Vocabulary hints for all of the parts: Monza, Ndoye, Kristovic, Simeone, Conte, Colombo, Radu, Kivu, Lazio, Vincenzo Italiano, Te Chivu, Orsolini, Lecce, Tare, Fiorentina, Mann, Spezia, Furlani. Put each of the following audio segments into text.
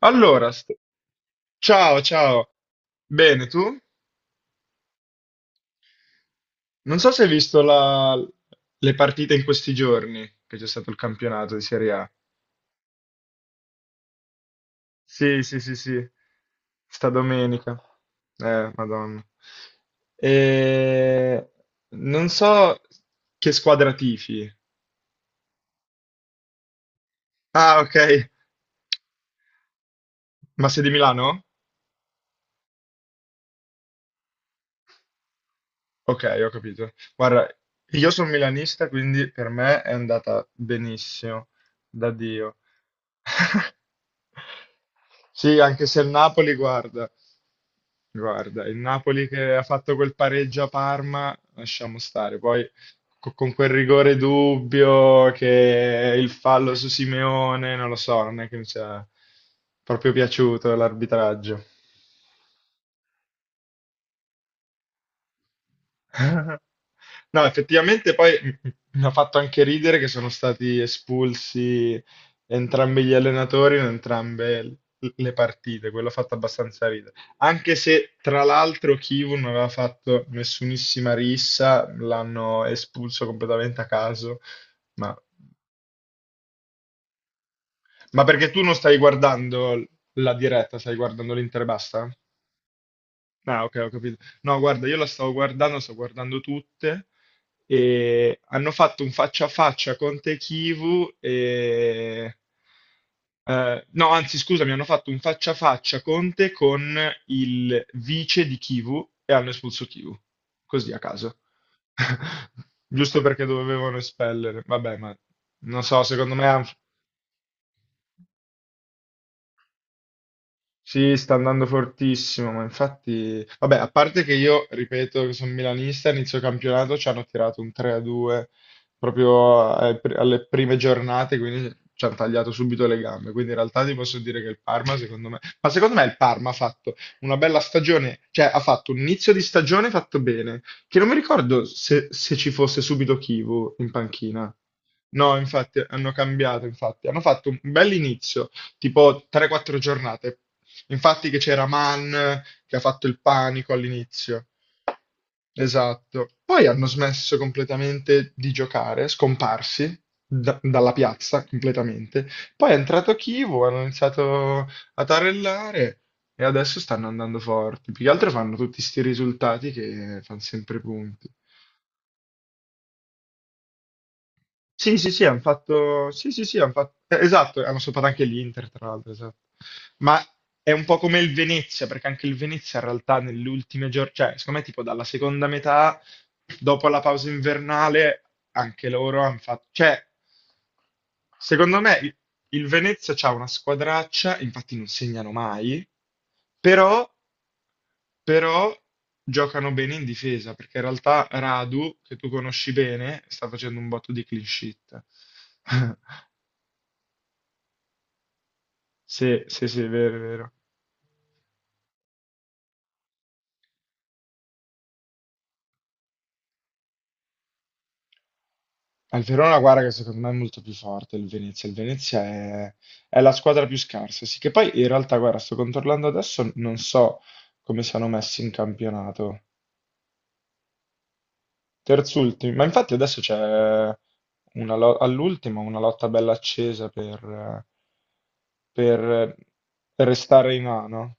Allora, ciao, ciao. Bene, tu? Non so se hai visto le partite in questi giorni, che c'è stato il campionato di Serie A. Sì, sì, sì, sì, sta domenica. Madonna. E... Non so che squadra tifi. Ah, ok. Ma sei di Milano? Ok, ho capito. Guarda, io sono milanista, quindi per me è andata benissimo, da Dio. Sì, anche se il Napoli, guarda, guarda, il Napoli che ha fatto quel pareggio a Parma, lasciamo stare. Poi con quel rigore dubbio che il fallo su Simeone, non lo so, non è che mi sia proprio piaciuto l'arbitraggio. No, effettivamente poi mi ha fatto anche ridere che sono stati espulsi entrambi gli allenatori in entrambe le partite, quello ha fatto abbastanza ridere. Anche se tra l'altro Kivu non aveva fatto nessunissima rissa, l'hanno espulso completamente a caso. Ma, ma perché tu non stai guardando la diretta, stai guardando l'Inter e basta? Ah, ok, ho capito. No, guarda, io la stavo guardando, sto guardando tutte, e hanno fatto un faccia a faccia con Te Chivu. Eh, no, anzi, scusami, hanno fatto un faccia a faccia Conte con il vice di Kivu e hanno espulso Kivu, così a caso. Giusto perché dovevano espellere. Vabbè, ma non so, secondo me. Sì, sta andando fortissimo, ma infatti, vabbè, a parte che io, ripeto, che sono milanista, inizio campionato ci hanno tirato un 3-2 proprio ai alle prime giornate, quindi ci hanno tagliato subito le gambe. Quindi in realtà ti posso dire che il Parma, secondo me, ma secondo me il Parma ha fatto una bella stagione, cioè ha fatto un inizio di stagione fatto bene, che non mi ricordo se ci fosse subito Kivu in panchina. No, infatti, hanno cambiato, infatti. Hanno fatto un bell'inizio, tipo 3-4 giornate. Infatti che c'era Mann che ha fatto il panico all'inizio. Esatto. Poi hanno smesso completamente di giocare, scomparsi dalla piazza completamente. Poi è entrato Kivu, hanno iniziato a tarellare e adesso stanno andando forti. Più che altro fanno tutti sti risultati che fanno sempre punti. Sì, sì, sì, hanno fatto. Sì, sì, sì, hanno fatto. Esatto, hanno sopra anche l'Inter, tra l'altro, esatto. Ma è un po' come il Venezia, perché anche il Venezia in realtà nelle ultime giornate, cioè, secondo me, tipo dalla seconda metà, dopo la pausa invernale, anche loro hanno fatto. Cioè, secondo me il Venezia c'ha una squadraccia, infatti non segnano mai, però. Però giocano bene in difesa, perché in realtà Radu, che tu conosci bene, sta facendo un botto di clean sheet. Sì, sì, sì, è vero, è vero. Al Verona, guarda che secondo me è molto più forte il Venezia. Il Venezia è la squadra più scarsa. Sì, che poi in realtà, guarda, sto controllando adesso, non so come siano messi in campionato. Terzultimi, ma infatti adesso c'è una all'ultimo una lotta bella accesa per restare in A, no?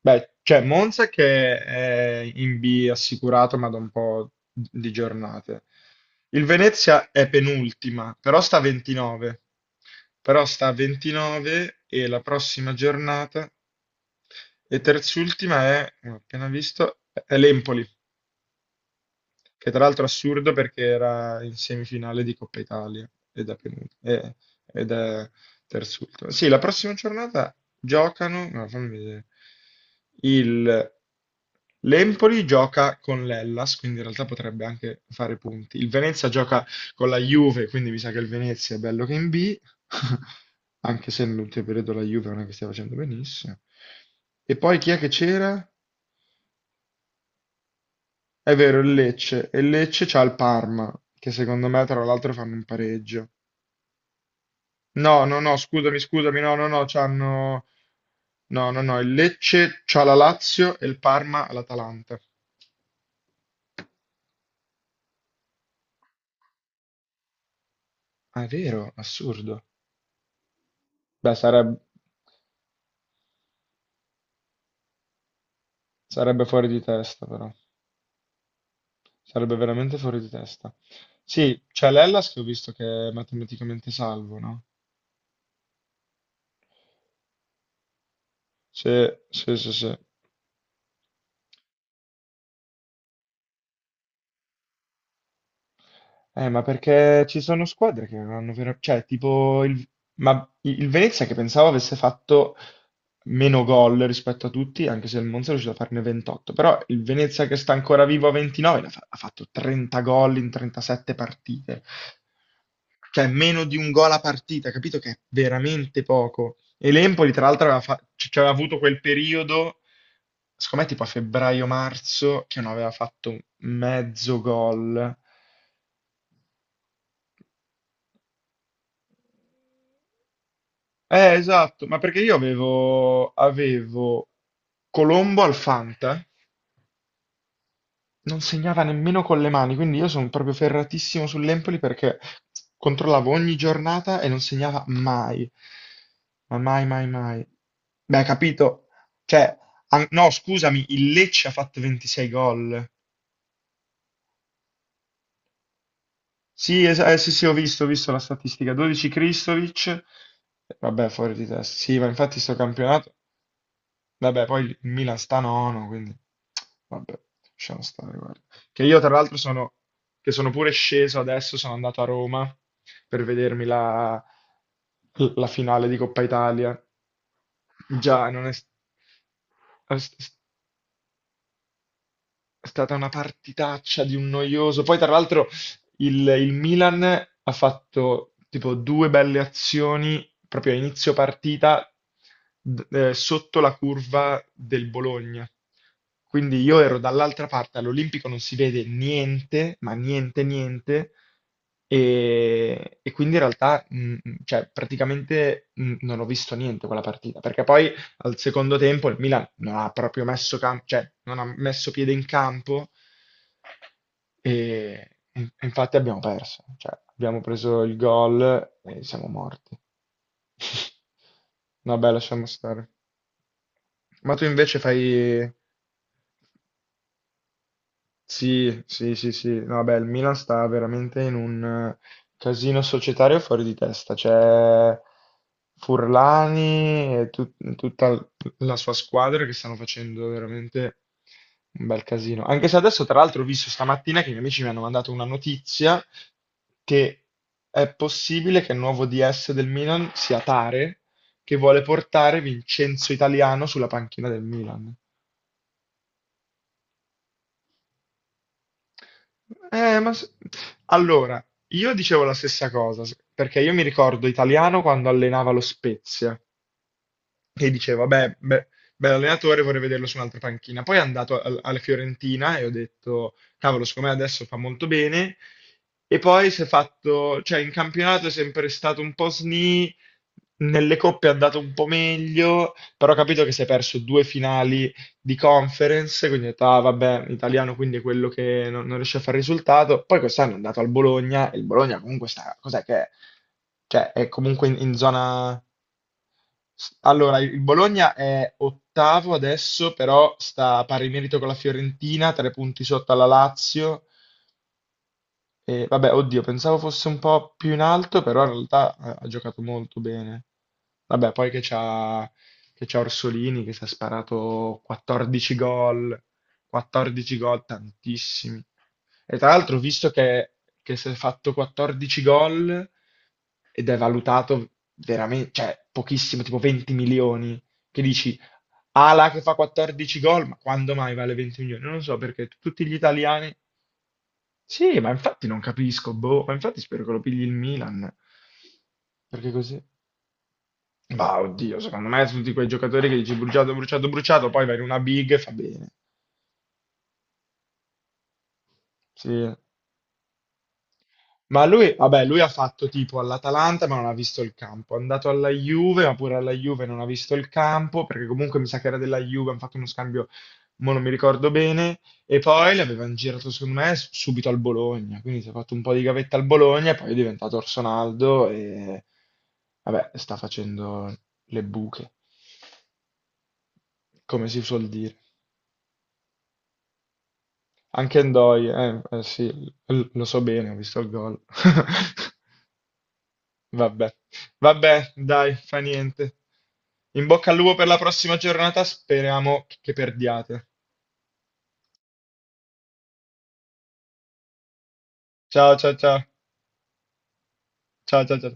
Beh, c'è Monza che è in B assicurato, ma da un po' di giornate. Il Venezia è penultima, però sta a 29. Però sta a 29 e la prossima giornata, e terzultima è, ho appena visto, è l'Empoli che tra l'altro è assurdo perché era in semifinale di Coppa Italia ed è terzultimo. Sì, la prossima giornata giocano, no, fammi vedere. Il, l'Empoli gioca con l'Hellas, quindi in realtà potrebbe anche fare punti. Il Venezia gioca con la Juve, quindi mi sa che il Venezia è bello che in B, anche se nell'ultimo periodo la Juve non è che stia facendo benissimo. E poi chi è che c'era? È vero, il Lecce. E il Lecce c'ha il Parma, che secondo me tra l'altro fanno un pareggio. No, no, no, scusami, scusami, no, no, no, c'hanno. No, no, no, il Lecce c'ha la Lazio e il Parma l'Atalanta. Ah, è vero, assurdo. Beh, sarebbe fuori di testa, però. Sarebbe veramente fuori di testa. Sì, c'è l'Hellas che ho visto che è matematicamente salvo, no? Sì, sì, sì, sì. Ma perché ci sono squadre che non hanno vero. Cioè, tipo il. Ma il Venezia che pensavo avesse fatto meno gol rispetto a tutti, anche se il Monza è riuscito a farne 28, però il Venezia che sta ancora vivo a 29 ha fatto 30 gol in 37 partite. Cioè, meno di un gol a partita, capito che è veramente poco. E l'Empoli, tra l'altro, cioè, aveva avuto quel periodo, secondo me tipo a febbraio-marzo, che non aveva fatto mezzo gol. Esatto, ma perché io avevo Colombo al Fanta, non segnava nemmeno con le mani, quindi io sono proprio ferratissimo sull'Empoli perché controllavo ogni giornata e non segnava mai. Ma mai, mai, mai. Beh, capito. Cioè, no, scusami, il Lecce ha fatto 26 gol. Sì, sì, sì, ho visto la statistica. 12 Kristovic. Vabbè, fuori di testa. Sì, ma infatti sto campionato. Vabbè, poi il Milan sta nono, quindi vabbè, lasciamo stare, guarda. Che io tra l'altro sono, che sono pure sceso adesso, sono andato a Roma per vedermi la finale di Coppa Italia. Già, non è. È stata una partitaccia di un noioso. Poi, tra l'altro, il Milan ha fatto tipo due belle azioni proprio a inizio partita sotto la curva del Bologna. Quindi io ero dall'altra parte, all'Olimpico non si vede niente, ma niente, niente. E quindi in realtà, cioè, praticamente non ho visto niente quella partita, perché poi al secondo tempo il Milan non ha proprio messo, cioè, non ha messo piede in campo e infatti abbiamo perso. Cioè, abbiamo preso il gol e siamo morti. Vabbè, lasciamo stare. Ma tu invece fai. Sì, sì, sì, sì. No, beh, il Milan sta veramente in un eh, casino societario fuori di testa. C'è Furlani e tutta la sua squadra che stanno facendo veramente un bel casino. Anche se adesso, tra l'altro, ho visto stamattina che i miei amici mi hanno mandato una notizia che è possibile che il nuovo DS del Milan sia Tare, che vuole portare Vincenzo Italiano sulla panchina del Milan. Ma allora, io dicevo la stessa cosa, perché io mi ricordo Italiano quando allenava lo Spezia e dicevo, vabbè, bell'allenatore, vorrei vederlo su un'altra panchina. Poi è andato alla Fiorentina e ho detto, cavolo, secondo me adesso fa molto bene. E poi si è fatto, cioè in campionato è sempre stato un po' sni, nelle coppe è andato un po' meglio, però ho capito che si è perso due finali di conference, quindi ho detto, ah vabbè, italiano quindi è quello che non riesce a fare risultato. Poi quest'anno è andato al Bologna, e il Bologna comunque sta, cos'è che è? Cioè è comunque in zona. Allora, il Bologna è ottavo adesso, però sta a pari merito con la Fiorentina, tre punti sotto alla Lazio. E, vabbè, oddio, pensavo fosse un po' più in alto, però in realtà ha giocato molto bene. Vabbè, poi che c'ha Orsolini che si è sparato 14 gol, 14 gol, tantissimi. E tra l'altro, ho visto che si è fatto 14 gol ed è valutato veramente, cioè pochissimo, tipo 20 milioni, che dici Ala che fa 14 gol, ma quando mai vale 20 milioni? Non lo so perché tutti gli italiani. Sì, ma infatti non capisco, boh, ma infatti spero che lo pigli il Milan. Perché così? Ma oddio, secondo me tutti quei giocatori che dici bruciato, bruciato, bruciato, poi vai in una big e fa bene. Sì. Ma lui, vabbè, lui ha fatto tipo all'Atalanta ma non ha visto il campo, è andato alla Juve ma pure alla Juve non ha visto il campo, perché comunque mi sa che era della Juve, hanno fatto uno scambio, ma non mi ricordo bene, e poi l'avevano girato secondo me subito al Bologna, quindi si è fatto un po' di gavetta al Bologna e poi è diventato Orsonaldo e vabbè, sta facendo le buche, come si suol dire. Anche Ndoye, eh sì, lo so bene, ho visto il gol. Vabbè, vabbè, dai, fa niente. In bocca al lupo per la prossima giornata, speriamo che perdiate. Ciao, ciao, ciao. Ciao, ciao, ciao.